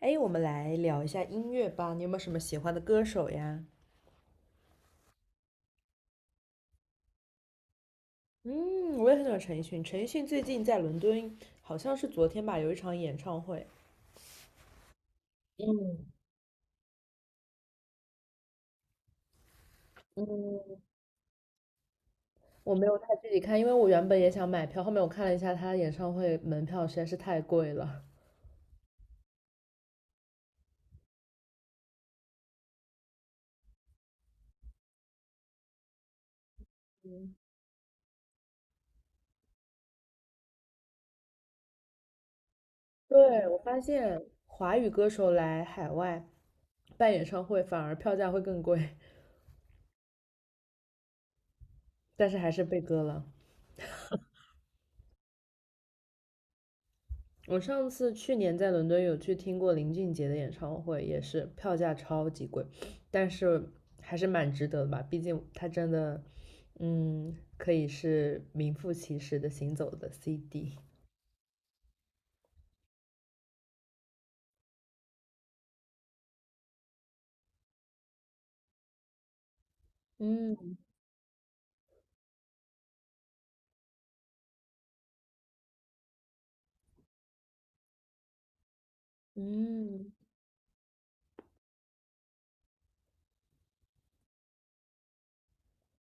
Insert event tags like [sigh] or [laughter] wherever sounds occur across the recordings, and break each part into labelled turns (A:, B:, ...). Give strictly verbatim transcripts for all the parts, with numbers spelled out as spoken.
A: 哎，我们来聊一下音乐吧。你有没有什么喜欢的歌手呀？嗯，我也很喜欢陈奕迅。陈奕迅最近在伦敦，好像是昨天吧，有一场演唱会。嗯嗯，我没有太具体看，因为我原本也想买票，后面我看了一下他演唱会门票实在是太贵了。对，我发现华语歌手来海外办演唱会，反而票价会更贵，但是还是被割了。我上次去年在伦敦有去听过林俊杰的演唱会，也是票价超级贵，但是还是蛮值得的吧，毕竟他真的，嗯，可以是名副其实的行走的 C D。嗯嗯，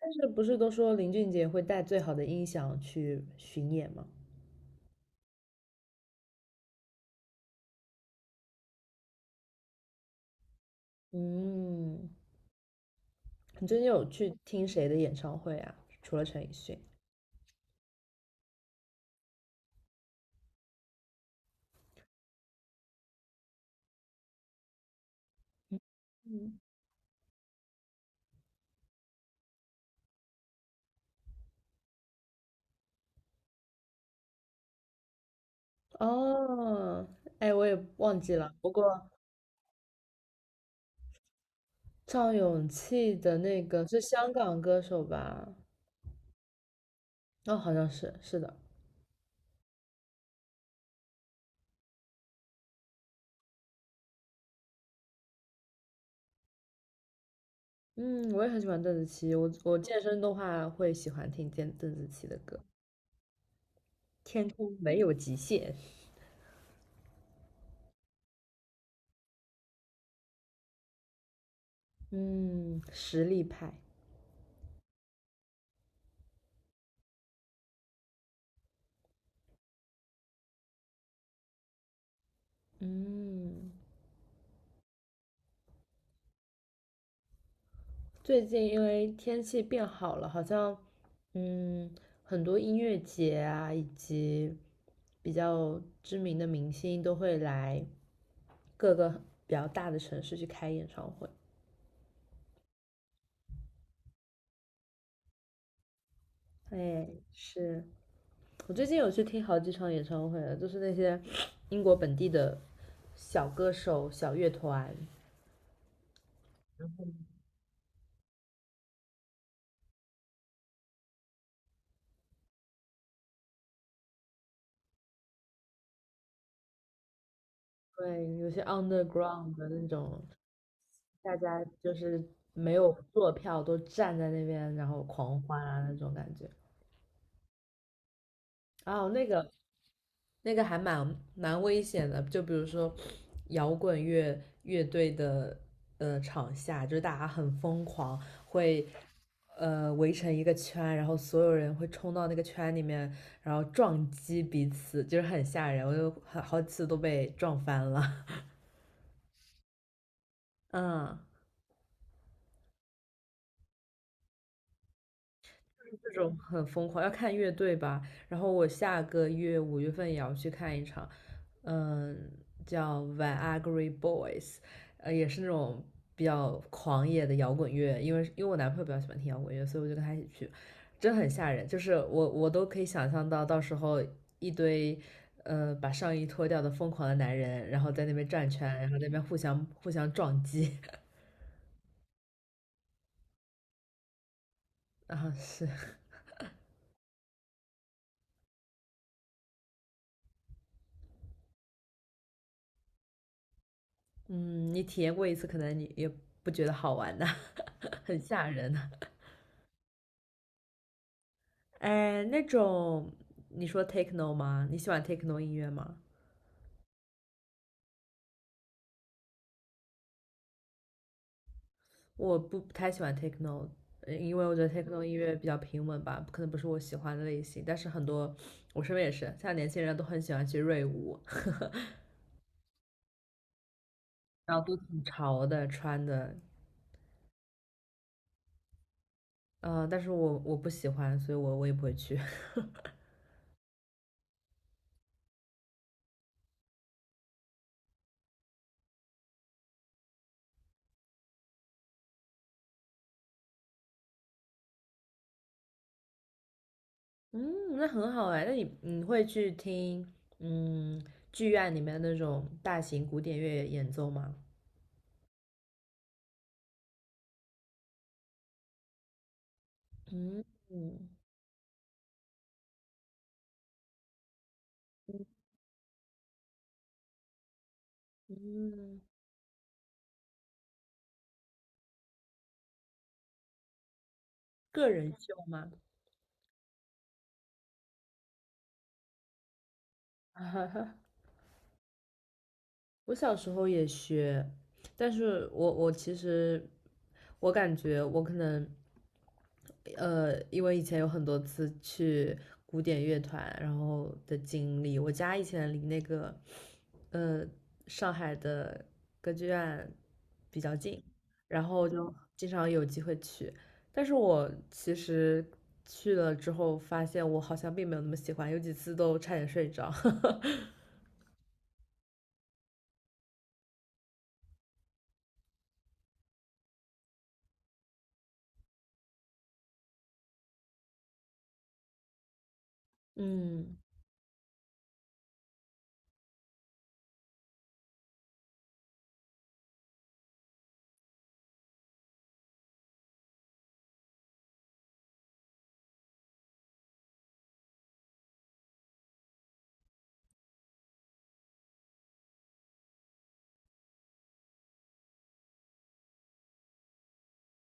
A: 但是不是都说林俊杰会带最好的音响去巡演吗？嗯，你最近有去听谁的演唱会啊？除了陈奕迅？嗯，哦，哎，我也忘记了，不过。赵咏契的那个是香港歌手吧？哦，好像是，是的。嗯，我也很喜欢邓紫棋，我我健身的话会喜欢听邓邓紫棋的歌，《天空没有极限》。嗯，实力派。嗯，最近因为天气变好了，好像嗯很多音乐节啊，以及比较知名的明星都会来各个比较大的城市去开演唱会。哎，是。我最近有去听好几场演唱会了，就是那些英国本地的小歌手、小乐团，对，有些 underground 的那种，大家就是没有坐票，都站在那边然后狂欢啊那种感觉。哦，那个那个还蛮蛮危险的，就比如说摇滚乐乐队的呃场下，就是大家很疯狂，会呃围成一个圈，然后所有人会冲到那个圈里面，然后撞击彼此，就是很吓人，我就很好几次都被撞翻了。[laughs] 嗯，这种很疯狂，要看乐队吧。然后我下个月五月份也要去看一场，嗯，叫 Viagra Boys，呃，也是那种比较狂野的摇滚乐。因为因为我男朋友比较喜欢听摇滚乐，所以我就跟他一起去，真很吓人。就是我我都可以想象到，到时候一堆。呃，把上衣脱掉的疯狂的男人，然后在那边转圈，然后在那边互相互相撞击，[laughs] 啊，是，嗯，你体验过一次，可能你也不觉得好玩的。很吓人。[laughs] 哎，那种你说 techno 吗？你喜欢 techno 音乐吗？我不不太喜欢 techno，呃因为我觉得 techno 音乐比较平稳吧，可能不是我喜欢的类型。但是很多我身边也是，像年轻人都很喜欢去瑞舞，[laughs] 很潮的穿的，呃，但是我我不喜欢，所以我我也不会去。[laughs] 嗯，那很好哎，那你你会去听嗯剧院里面那种大型古典乐演奏吗？嗯嗯嗯。个人秀吗？[laughs] 我小时候也学，但是我我其实我感觉我可能呃，因为以前有很多次去古典乐团，然后的经历，我家以前离那个呃上海的歌剧院比较近，然后就经常有机会去，但是我其实去了之后发现我好像并没有那么喜欢，有几次都差点睡着。[laughs] 嗯，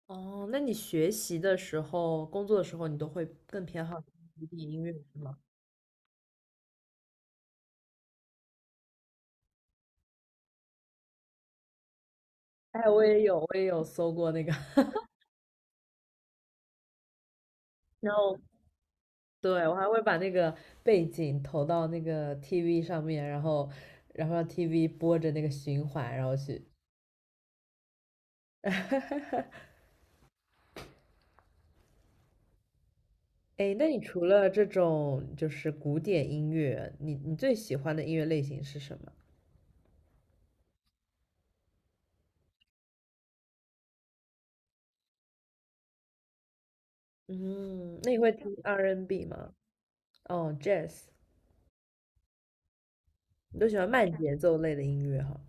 A: 哦，那你学习的时候、工作的时候，你都会更偏好独立音乐是吗？哎，我也有，我也有搜过那个，[laughs] 然后对，我还会把那个背景投到那个 T V 上面，然后然后让 T V 播着那个循环，然后去。[laughs] 哎，那你除了这种就是古典音乐，你你最喜欢的音乐类型是什么？嗯，那你会听 R and B N 吗？哦，Jazz，你都喜欢慢节奏类的音乐哈。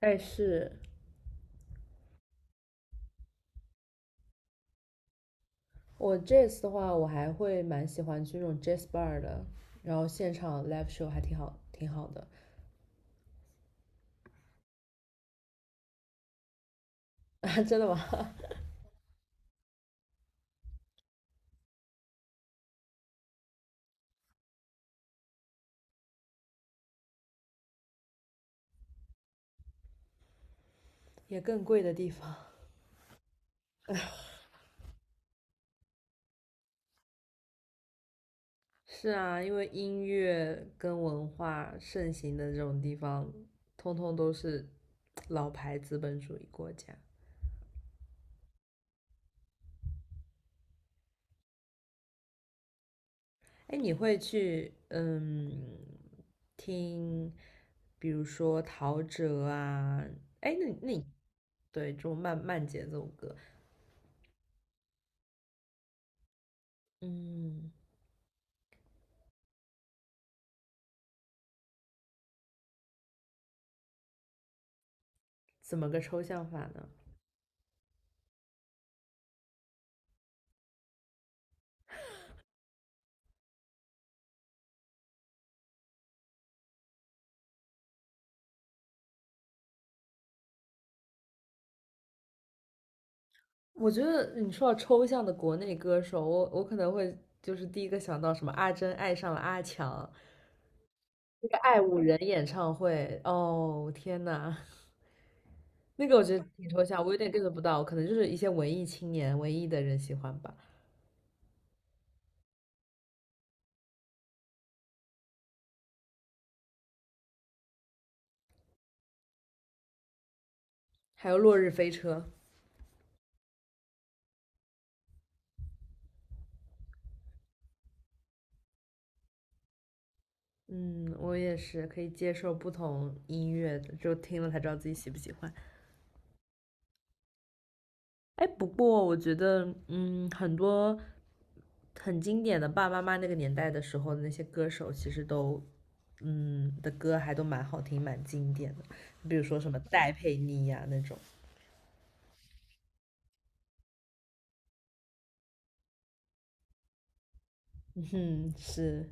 A: 哎，是我这次的话，我还会蛮喜欢去那种 jazz bar 的，然后现场 live show 还挺好，挺好的。[laughs] 啊，真的吗？[laughs] 也更贵的地方。是啊，因为音乐跟文化盛行的这种地方，通通都是老牌资本主义国家。哎，你会去嗯听，比如说陶喆啊，哎，那那你对这种慢慢节奏歌，嗯，怎么个抽象法呢？我觉得你说到抽象的国内歌手，我我可能会就是第一个想到什么阿珍爱上了阿强，那个爱五人演唱会，哦天呐，那个我觉得挺抽象，我有点 [laughs] get 不到，可能就是一些文艺青年、文艺的人喜欢吧。还有落日飞车，嗯，我也是可以接受不同音乐的，就听了才知道自己喜不喜欢。哎，不过我觉得，嗯，很多很经典的爸爸妈妈那个年代的时候的那些歌手，其实都，嗯，的歌还都蛮好听，蛮经典的。比如说什么戴佩妮呀、那种，嗯哼，是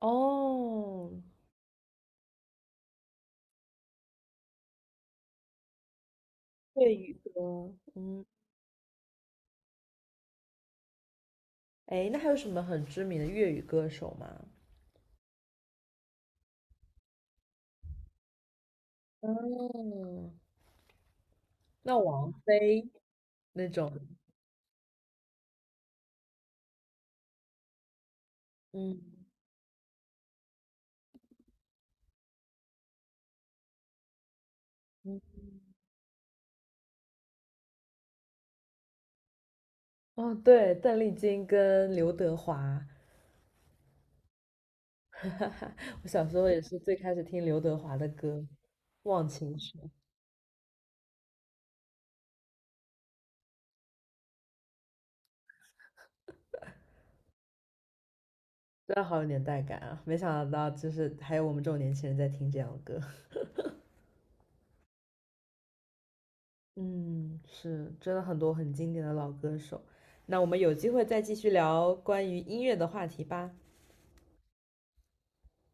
A: 哦，粤语歌，嗯，哎，那还有什么很知名的粤语歌手吗？嗯，那王菲那种，嗯嗯，哦，对，邓丽君跟刘德华，[laughs] 我小时候也是最开始听刘德华的歌，《忘情水》。真的好有年代感啊！没想到就是还有我们这种年轻人在听这样的歌。[laughs] 嗯，是，真的很多很经典的老歌手。那我们有机会再继续聊关于音乐的话题吧。